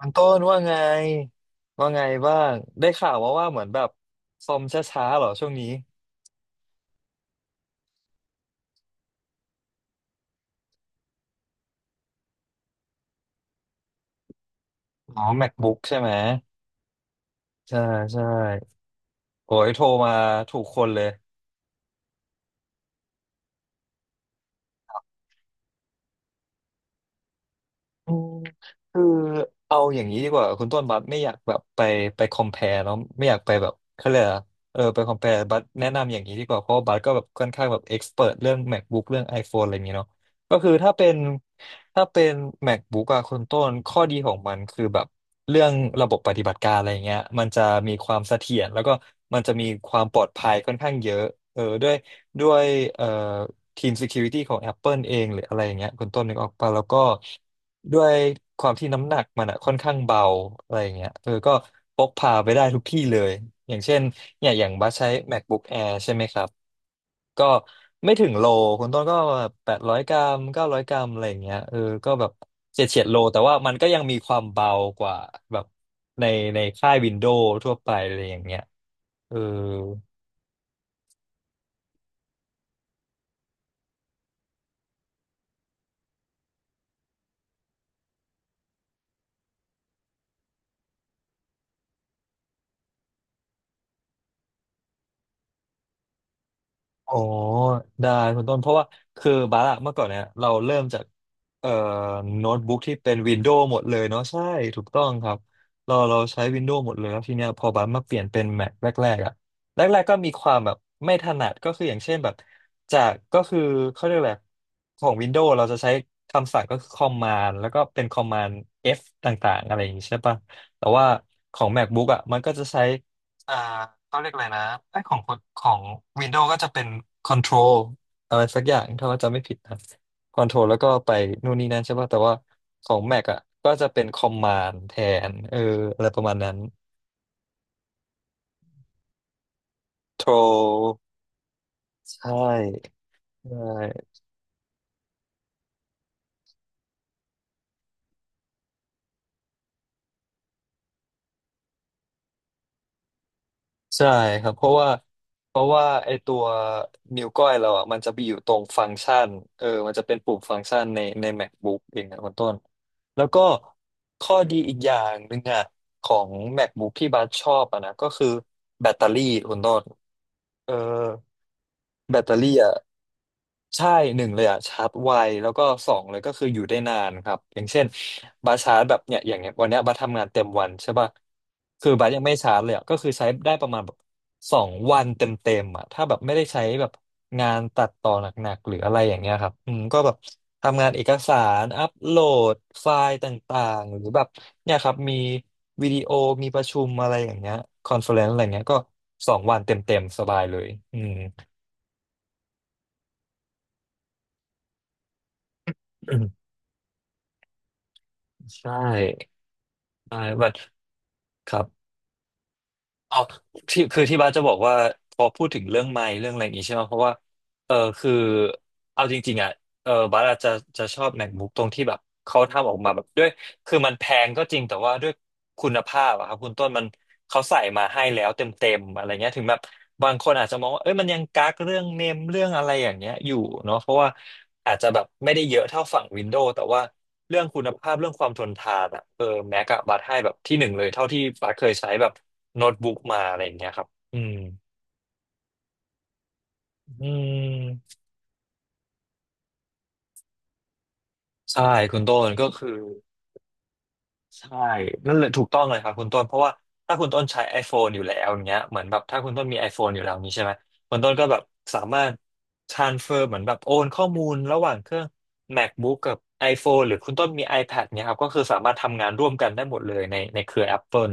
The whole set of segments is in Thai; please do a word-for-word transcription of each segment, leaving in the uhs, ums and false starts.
มันต้นว่าไงว่าไงบ้างได้ข่าวว่าว่าเหมือนแบบคอมช้าๆเหรอช่วงนี้อ๋อ MacBook ใช่ไหมใช่ใช่โอ้ยโทรมาถูกคนเลย อืมคือเอาอย่างนี้ดีกว่าคุณต้นบัสไม่อยากแบบไปไปคอมเพลเนาะไม่อยากไปแบบเขาเรียกอะไรอะเออไปคอมเพลบัสแนะนำอย่างนี้ดีกว่าเพราะว่าบัสก็แบบค่อนข้างแบบเอ็กซ์เพรเรื่อง MacBook เรื่อง iPhone อะไรอย่างนี้เนาะก็คือถ้าเป็นถ้าเป็น MacBook อะคุณต้นข้อดีของมันคือแบบเรื่องระบบปฏิบัติการอะไรเงี้ยมันจะมีความเสถียรแล้วก็มันจะมีความปลอดภัยค่อนข้างเยอะเออด้วยด้วยเอ่อ ทีม Security ของ Apple เองหรืออะไรอย่างเงี้ยคุณต้นนึกออกปะแล้วก็ด้วยความที่น้ำหนักมันอะค่อนข้างเบาอะไรอย่างเงี้ยเออก็พกพาไปได้ทุกที่เลยอย่างเช่นเนี่ยอย่างบัสใช้ MacBook Air ใช่ไหมครับก็ไม่ถึงโลคุณต้นก็แปดร้อยกรัมเก้าร้อยกรัมอะไรอย่างเงี้ยเออก็แบบเฉียดเฉียดโลแต่ว่ามันก็ยังมีความเบากว่าแบบในในค่ายวินโดว์ทั่วไปอะไรอย่างเงี้ยเออ อ๋อได้คุณต้นเพราะว่าคือบาร์อะเมื่อก่อนเนี่ยเราเริ่มจากเอ่อโน้ตบุ๊กที่เป็นวินโดว์หมดเลยเนาะใช่ถูกต้องครับเราเราใช้วินโดว์หมดเลยแล้วทีเนี้ยพอบาร์มาเปลี่ยนเป็น Mac แรกๆอะแรกๆก็มีความแบบไม่ถนัดก็คืออย่างเช่นแบบจากก็คือเขาเรียกแบบของวินโดว์เราจะใช้คำสั่งก็คือคอมมานด์แล้วก็เป็นคอมมานด์ F ต่างๆอะไรอย่างงี้ใช่ปะแต่ว่าของ MacBook อะมันก็จะใช้ อ่าเขาเรียกอะไรนะไอ้ของคนของ Windows ก็จะเป็น Control อะไรสักอย่างถ้าว่าจำไม่ผิดนะ Control แล้วก็ไปนู่นนี่นั่นใช่ป่ะแต่ว่าของ Mac อ่ะก็จะเป็น Command แทนเอออะไรประมาณนั้น Control ใช่ใช่ ใช่ครับเพราะว่าเพราะว่าไอตัวนิ้วก้อยเราอ่ะมันจะไปอยู่ตรงฟังก์ชันเออมันจะเป็นปุ่มฟังก์ชันในใน MacBook เองนะคุณต้นแล้วก็ข้อดีอีกอย่างหนึ่งอ่ะของ MacBook ที่บัสชอบอ่ะนะก็คือแบตเตอรี่คุณต้นเออ แบตเตอรี่อ่ะใช่หนึ่งเลยอ่ะชาร์จไวแล้วก็สองเลยก็คืออยู่ได้นานครับอย่างเช่นบาสชาร์จแบบเนี่ยอย่างเงี้ยวันเนี้ยบาสทำงานเต็มวันใช่ป่ะคือบาสยังไม่ชาร์จเลยอ่ะก็คือใช้ได้ประมาณแบบสองวันเต็มๆอ่ะถ้าแบบไม่ได้ใช้แบบงานตัดต่อหนักๆหรืออะไรอย่างเงี้ยครับอืมก็แบบทำงานเอกสารอัปโหลดไฟล์ต่างๆหรือแบบเนี่ยครับมีวิดีโอมีประชุมอะไรอย่างเงี้ยคอนเฟอเรนซ์อะไรเงี้ยก็สองวันเต็มๆสบายเลยอืม อืมใช่ใช่บัดครับเอาที่คือที่บ้านจะบอกว่า พอพูดถึงเรื่องไมค์เรื่องอะไรอย่างงี้ใช่ไหม เพราะว่า เออคือเอาจริงๆ อ่ะเออบ้านอาจจะจะชอบ MacBook ตรงที่แบบเขาทำออกมาแบบด้วย คือมันแพงก็จริงแต่ว่าด้วยคุณภาพอะครับคุณต้นมันเขาใส่มาให้แล้วเต็มเต็มอะไรเงี้ยถึงแบบบางคนอาจจะมองว่าเอ้ยมันยังกักเรื่องเนมเรื่องอะไรอย่างเงี้ยอยู่เนาะเพราะว่าอาจจะแบบไม่ได้เยอะเท่าฝั่งวินโดว์แต่ว่าเรื่องคุณภาพเรื่องความทนทานอะเออแม็กอะบัตให้แบบที่หนึ่งเลยเท่าที่บัตเคยใช้แบบโน้ตบุ๊กมาอะไรอย่างเงี้ยครับอืมอืมใช่คุณต้นก็คือ ใช่นั่นเลยถูกต้องเลยครับคุณต้นเพราะว่าถ้าคุณต้นใช้ iPhone อยู่แล้วอย่างเงี้ยเหมือนแบบถ้าคุณต้นมี iPhone อยู่แล้วนี้ใช่ไหมคุณต้นก็แบบสามารถ transfer เหมือนแบบโอนข้อมูลระหว่างเครื่อง MacBook กับ iPhone หรือคุณต้นมี iPad เนี่ยครับก็คือสามารถทำงานร่วมกันได้หมดเลยในในเครือ Apple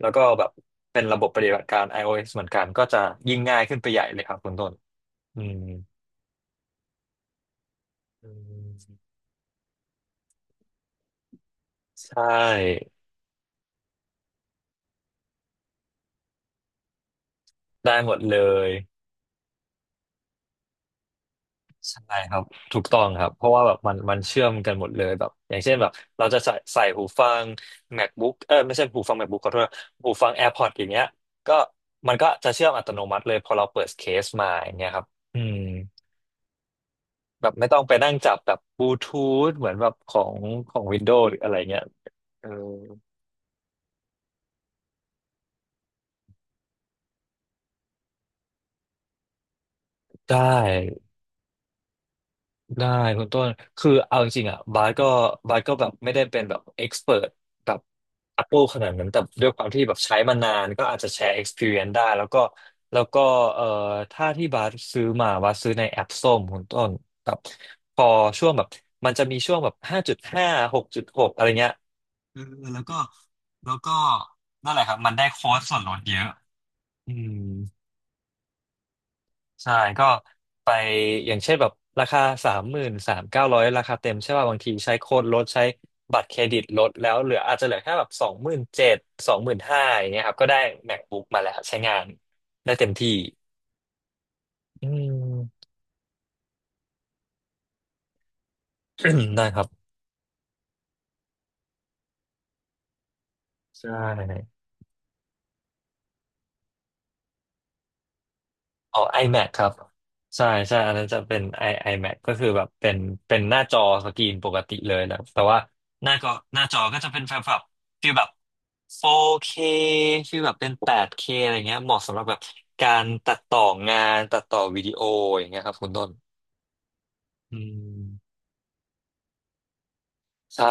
แล้วก็แบบเป็นระบบปฏิบัติการ iOS เหมือนกันก็จะยิ่งง่ายขึ้นไปใหญ่เลยครับคุณต้นอืมอืมใช่ได้หมดเลย ใช่ครับถูกต้องครับเพราะว่าแบบมันมันเชื่อมกันหมดเลยแบบอย่างเช่นแบบเราจะใส่ใส่หูฟัง MacBook เออไม่ใช่หูฟัง MacBook ขอโทษหูฟัง AirPods อย่างเงี้ยก็มันก็จะเชื่อมอัตโนมัติเลยพอเราเปิดเคสมาอย่างเงี้ยครับอืมแบบไม่ต้องไปนั่งจับแบบบลูทูธเหมือนแบบของของ Windows หรืออะไรเงี้ยเออได้ ได้คุณต้นคือเอาจริงๆอ่ะบาสก็บาสก็แบบไม่ได้เป็นแบบเอ็กซ์เพรแบบ Apple ขนาดนั้นแต่ด้วยความที่แบบใช้มานานก็อาจจะแชร์ experience ได้แล้วก็แล้วก็เอ่อถ้าที่บาสซื้อมาบาสซื้อในแอปส้มคุณต้นแบบพอช่วงแบบมันจะมีช่วงแบบห้าจุดห้าหกจุดหกอะไรเงี้ยเออแล้วก็แล้วก็นั่นแหละครับมันได้โค้ดส่วนลดเยอะอืม ใช่ ก็ไปอย่างเช่นแบบราคาสามหมื่นสามเก้าร้อยราคาเต็มใช่ป่ะบางทีใช้โค้ดลดใช้บัตรเครดิตลดแล้วเหลืออาจจะเหลือแค่แบบสองหมื่นเจ็ดสองหมื่นห้าอย่างเงี้ยครับก็ได้ MacBook มาแล้วใช้งานได้เต็มที่อืม ได้ครับใช่ อ๋อ iMac ครับใช่ใช่อันนั้นจะเป็น i iMac ก็คือแบบเป็นเป็นหน้าจอสกรีนปกติเลยนะแต่ว่าหน้าก็หน้าจอก็จะเป็นแบบฟีลแบบ สี่เค ฟร์เคฟีลแบบเป็น แปดเค อะไรเงี้ยเหมาะสำหรับแบบการตัดต่องานตัดต่อวิดีโออย่างเงี้ยครับคุณต้นอืมใช่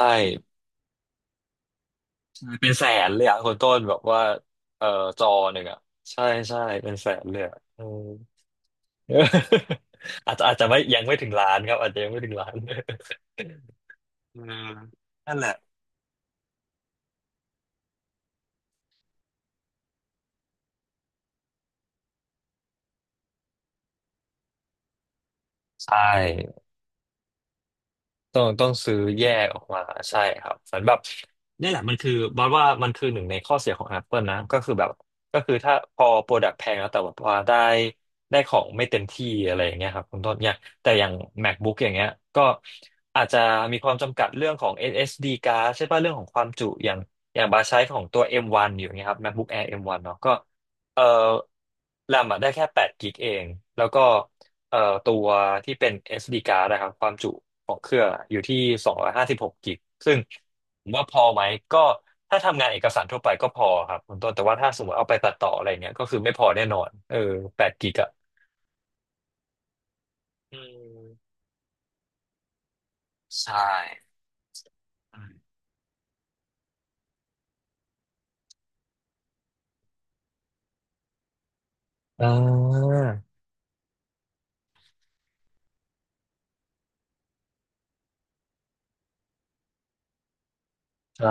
ใช่เป็นแสนเลยอะคุณต้นแบบว่าเอ่อจอหนึ่งอะใช่ใช่เป็นแสนเลยอะ เอออาจจะอาจจะไม่ยังไม่ถึงล้านครับอาจจะยังไม่ถึงล้านเออนั่นแหละใช่ ต้องต้องซื้อแยกออกมาใช่ครับเหมือนแบบเนี่ยแหละมันคือบอสว่ามันคือหนึ่งในข้อเสียของ Apple นะก็คือแบบก็คือถ้าพอโปรดักต์แพงแล้วแต่ว่าได้ได้ของไม่เต็มที่อะไรอย่างเงี้ยครับคุณต้นเนี่ยแต่อย่าง MacBook อย่างเงี้ยก็อาจจะมีความจำกัดเรื่องของ เอส เอส ดี card ใช่ป่ะเรื่องของความจุอย่างอย่างบาสใช้ของตัว เอ็มวัน อมวันอยู่เงี้ยครับ MacBook Air เอ็มวัน เนาะก็เอ่อแรมอะได้แค่แปดกิกะเองแล้วก็เอ่อตัวที่เป็น เอส ดี card นะครับความจุ ของเครื่องอะอยู่ที่สองร้อยห้าสิบหกกิกซึ่งผมว่าพอไหมก็ถ้าทำงานเอกสารทั่วไปก็พอครับคุณต้นแต่ว่าถ้าสมมติเอาไปตัดต่ออะไรเงี้ยก็คือไม่พอแน่นอนเออแปดกิกอะอืมใช่อืมอ่าใช่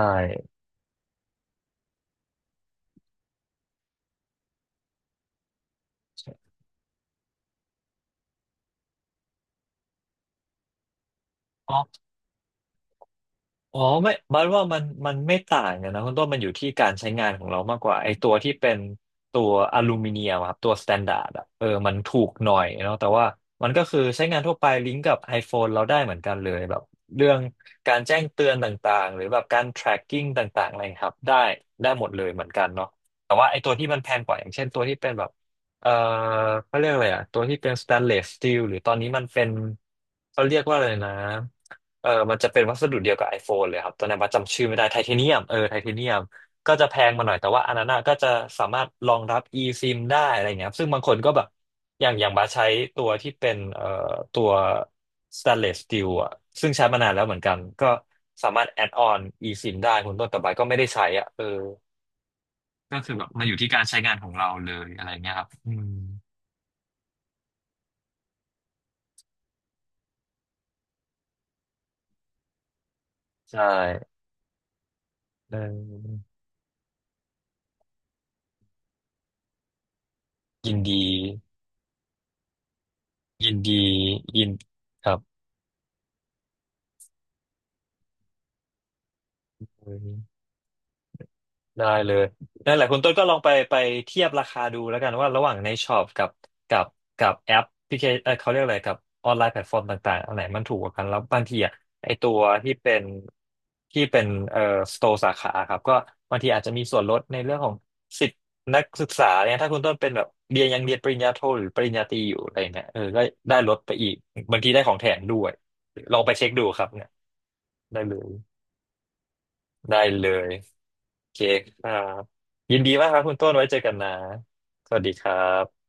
อ๋อ อ๋อไม่บัดว่ามันมันไม่ต่างกันนะคุณต้นมันอยู่ที่การใช้งานของเรามากกว่าไอตัวที่เป็นตัวอลูมิเนียมอะครับตัวสแตนดาร์ดอะเออมันถูกหน่อยเนาะแต่ว่ามันก็คือใช้งานทั่วไปลิงก์กับ iPhone เราได้เหมือนกันเลยแบบเรื่องการแจ้งเตือนต่างๆหรือแบบการ tracking ต่างๆอะไรครับได้ได้หมดเลยเหมือนกันเนาะแต่ว่าไอตัวที่มันแพงกว่าอย่างเช่นตัวที่เป็นแบบเอ่อเขาเรียกอะไรอะตัวที่เป็นสแตนเลสสตีลหรือตอนนี้มันเป็นเขาเรียกว่าอะไรนะ เออมันจะเป็นวัสดุเดียวกับ iPhone เลยครับตัวนั้นว่าจำชื่อไม่ได้ไทเทเนียมเออไทเทเนียม ก็จะแพงมาหน่อยแต่ว่าอันนั้นอะก็จะสามารถรองรับ eSIM ได้อะไรเงี้ยครับซึ่งบางคนก็แบบ อย่างอย่างบาสใช้ตัวที่เป็นเอ่อตัว stainless steel อะซึ่งใช้มานานแล้วเหมือนกัน ก็สามารถ add on eSIM ได้คุณต้นแต่บาสก็ไม่ได้ใช้อ่ะเออก็คือแบบมันอยู่ที่การใช้งานของเราเลยอะไรเงี้ยครับอืมใช่เออยินดียินดียินครับ ได้เลยนั่นแหละคุณต้นก็ลองไปไปเทียบราคาดูแล้วกันว่าระหว่างในช็อปกับกับกับแอปพลิเคเออเขาเรียกอะไรกับออนไลน์แพลตฟอร์มต่างๆอันไหนมันถูกกว่ากันแล้วบางทีอ่ะไอตัวที่เป็นที่เป็นเอ่อสโตร์สาขาครับก็บางทีอาจจะมีส่วนลดในเรื่องของสิทธินักศึกษาเนี่ยถ้าคุณต้นเป็นแบบเรียนยังเรียนปริญญาโทหรือปริญญาตรีอยู่อะไรเนี่ยเออก็ได้ลดไปอีกบางทีได้ของแถมด้วยลองไปเช็คดูครับเนี่ยได้เลย ได้เลยโอเคครับ ยินดีมากครับคุณต้นไว้เจอกันนะ สวัสดีครับ